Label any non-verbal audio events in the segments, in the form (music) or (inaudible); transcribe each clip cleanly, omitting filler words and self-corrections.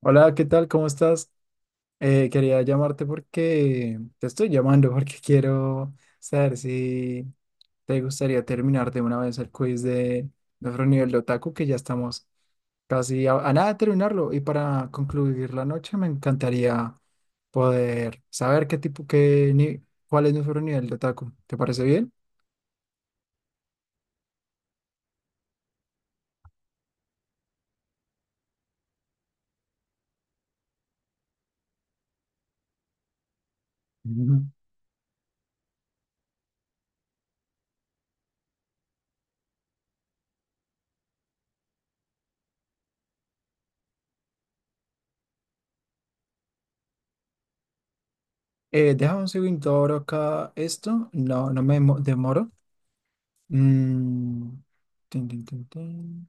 Hola, ¿qué tal? ¿Cómo estás? Quería llamarte porque te estoy llamando (laughs) porque quiero saber si te gustaría terminar de una vez el quiz de nuestro nivel de otaku, que ya estamos casi a nada de terminarlo. Y para concluir la noche, me encantaría poder saber qué tipo, qué ni, cuál es nuestro nivel de otaku. ¿Te parece bien? Ujú. Déjame un segundo, abro acá esto. No, no demoro. Mm, tin, tin, tin, tin.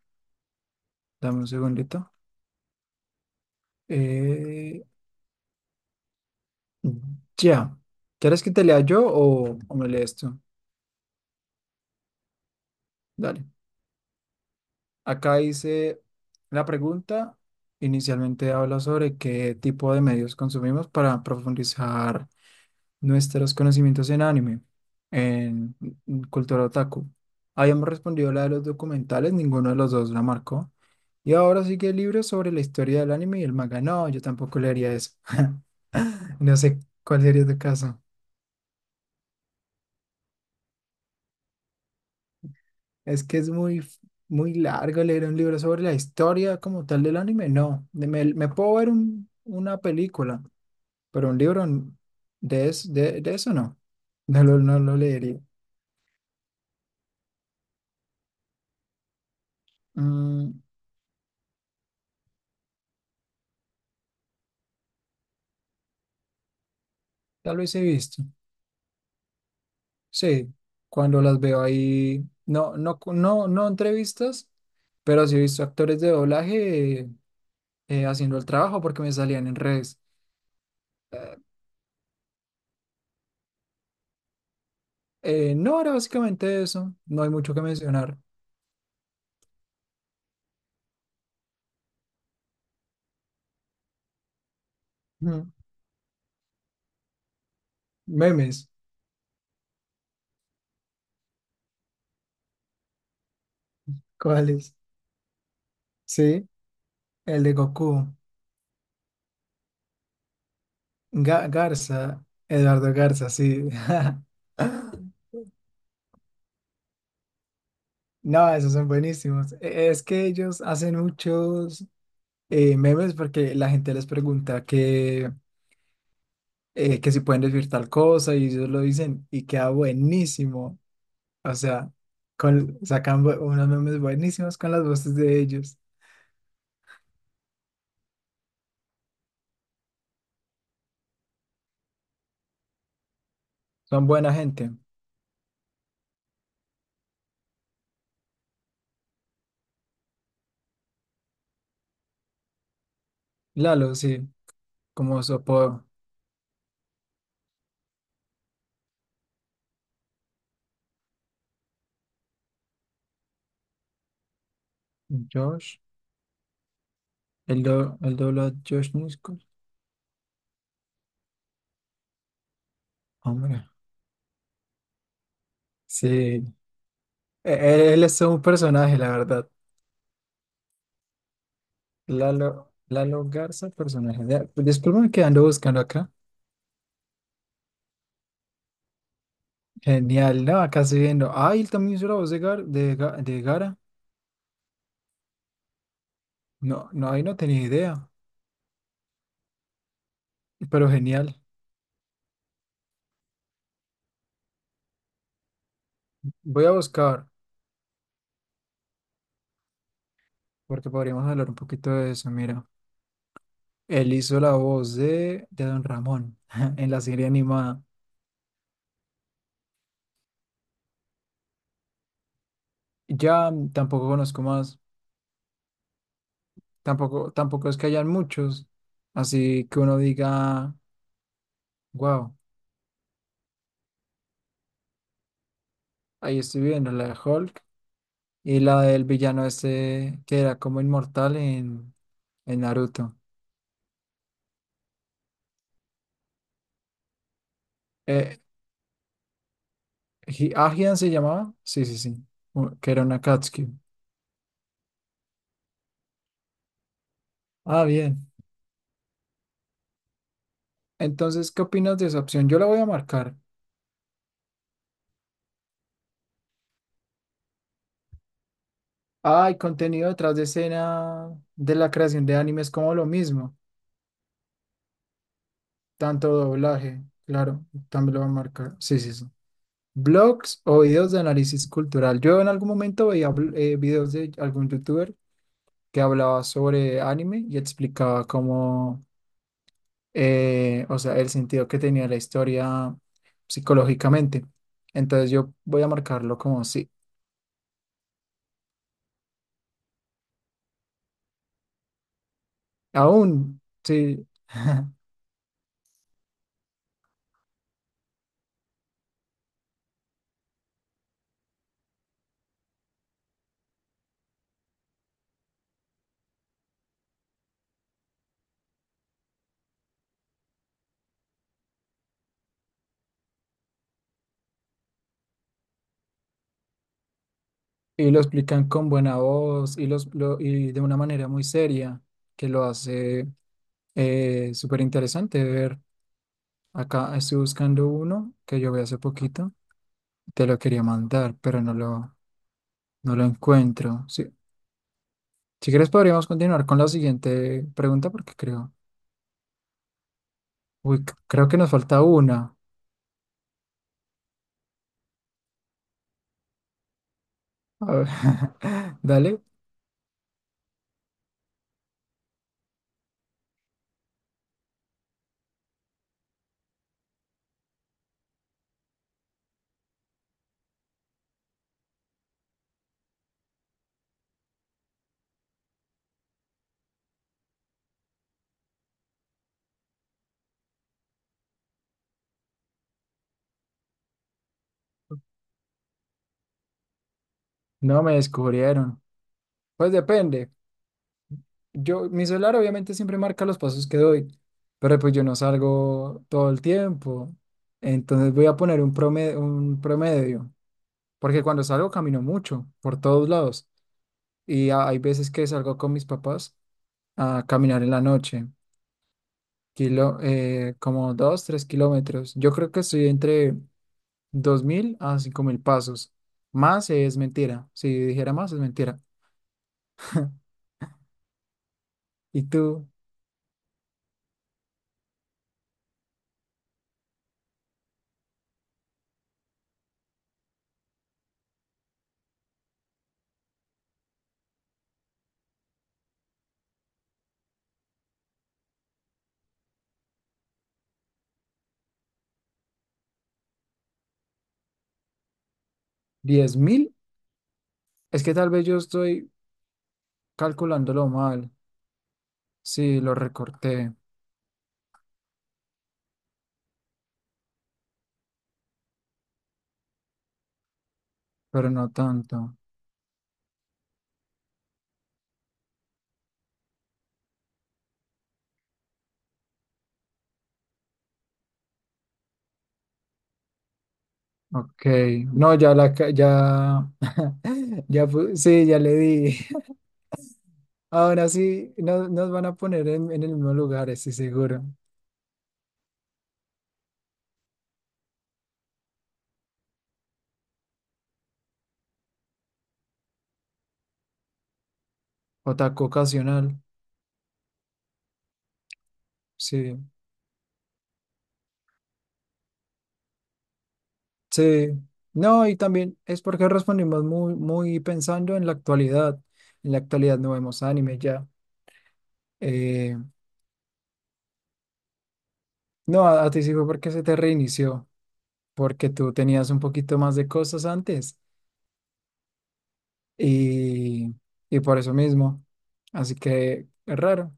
Dame un segundito. Eh, ya. ¿Quieres que te lea yo o me lees tú? Dale. Acá dice la pregunta. Inicialmente habla sobre qué tipo de medios consumimos para profundizar nuestros conocimientos en anime, en en cultura otaku. Habíamos respondido la de los documentales, ninguno de los dos la marcó. Y ahora sigue el libro sobre la historia del anime y el manga. No, yo tampoco leería eso. (laughs) No sé cuál sería tu caso. Es que es muy, muy largo leer un libro sobre la historia como tal del anime. No, me puedo ver una película, pero un libro de eso no. (laughs) No lo leería. Mm, tal vez he visto. Sí, cuando las veo ahí, no, no, no, no entrevistas, pero sí he visto actores de doblaje haciendo el trabajo porque me salían en redes. No, era básicamente eso. No hay mucho que mencionar. Mm. Memes. ¿Cuáles? Sí. El de Goku. Garza. Eduardo Garza, sí. (laughs) No, esos son buenísimos. Es que ellos hacen muchos memes porque la gente les pregunta que si pueden decir tal cosa y ellos lo dicen y queda buenísimo. O sea, sacan unos memes buenísimos con las voces de ellos. Son buena gente. Lalo, sí, como su apodo. Josh, el doble de Josh Nisco. Hombre. Sí, Él es todo un personaje, la verdad. Lalo, Lalo Garza, personaje. Ya, pues, discúlpame que ando buscando acá. Genial, no, acá estoy viendo. Ah, él también hizo la voz de Gara. No, no, ahí no tenía idea, pero genial. Voy a buscar, porque podríamos hablar un poquito de eso. Mira, él hizo la voz de Don Ramón (laughs) en la serie animada. Ya tampoco conozco más, tampoco es que hayan muchos, así que uno diga, wow, ahí estoy viendo la de Hulk. Y la del villano este que era como inmortal en Naruto. Eh, ¿Ajian se llamaba? Sí, sí, sí. Que era una Akatsuki. Ah, bien. Entonces, ¿qué opinas de esa opción? Yo la voy a marcar. Ah, y contenido detrás de escena de la creación de animes, como lo mismo. Tanto doblaje, claro, también lo voy a marcar. Sí, sí, sí. Blogs o videos de análisis cultural. Yo en algún momento veía videos de algún youtuber que hablaba sobre anime y explicaba cómo o sea, el sentido que tenía la historia psicológicamente. Entonces yo voy a marcarlo como sí, aún sí. (laughs) Y lo explican con buena voz y de una manera muy seria que lo hace súper interesante de ver. Acá estoy buscando uno que yo vi hace poquito. Te lo quería mandar, pero no lo encuentro. Sí. Si quieres podríamos continuar con la siguiente pregunta porque creo que nos falta una. A ver, (laughs) dale, no me descubrieron. Pues depende. Mi celular obviamente siempre marca los pasos que doy, pero pues yo no salgo todo el tiempo. Entonces voy a poner un promedio, porque cuando salgo camino mucho por todos lados y hay veces que salgo con mis papás a caminar en la noche, como 2, 3 kilómetros. Yo creo que estoy entre 2.000 a 5.000 pasos. Más es mentira. Si dijera más es mentira. ¿Y tú? ¿10.000? Es que tal vez yo estoy calculándolo mal. Sí, lo recorté, pero no tanto. Ok. No, (laughs) sí, ya le di. (laughs) Ahora sí, nos van a poner en el mismo lugar, estoy seguro. Otaku ocasional. Sí. Sí. No, y también es porque respondimos muy, muy pensando en la actualidad. En la actualidad no vemos anime ya. Eh, no, a ti sí fue porque se te reinició, porque tú tenías un poquito más de cosas antes y, y por eso mismo. Así que es raro.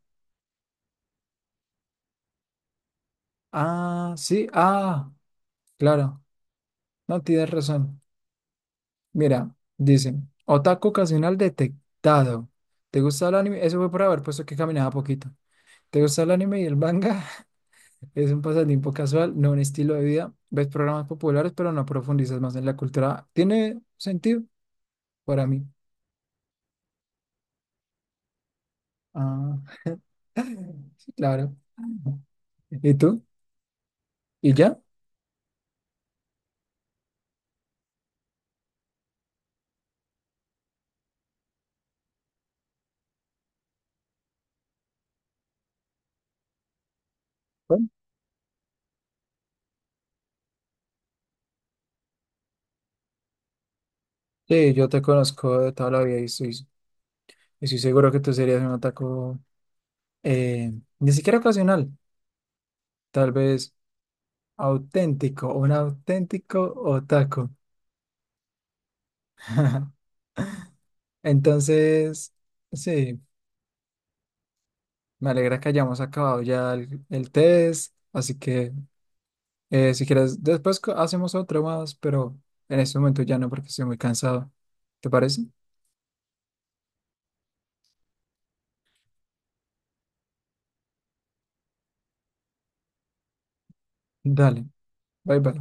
Ah, sí, ah, claro, no tienes razón. Mira, dicen, otaku ocasional detectado. ¿Te gusta el anime? Eso fue por haber puesto que caminaba poquito. ¿Te gusta el anime y el manga? (laughs) Es un pasatiempo casual, no un estilo de vida. Ves programas populares, pero no profundizas más en la cultura. ¿Tiene sentido para mí? Ah, (laughs) sí, claro. ¿Y tú? Y ya, bueno, sí, yo te conozco de toda la vida y estoy seguro que tú serías un ataco eh, ni siquiera ocasional, tal vez auténtico, un auténtico otaku. (laughs) Entonces, sí, me alegra que hayamos acabado ya el test, así que si quieres, después hacemos otro más, pero en este momento ya no porque estoy muy cansado. ¿Te parece? Dale, bye bye.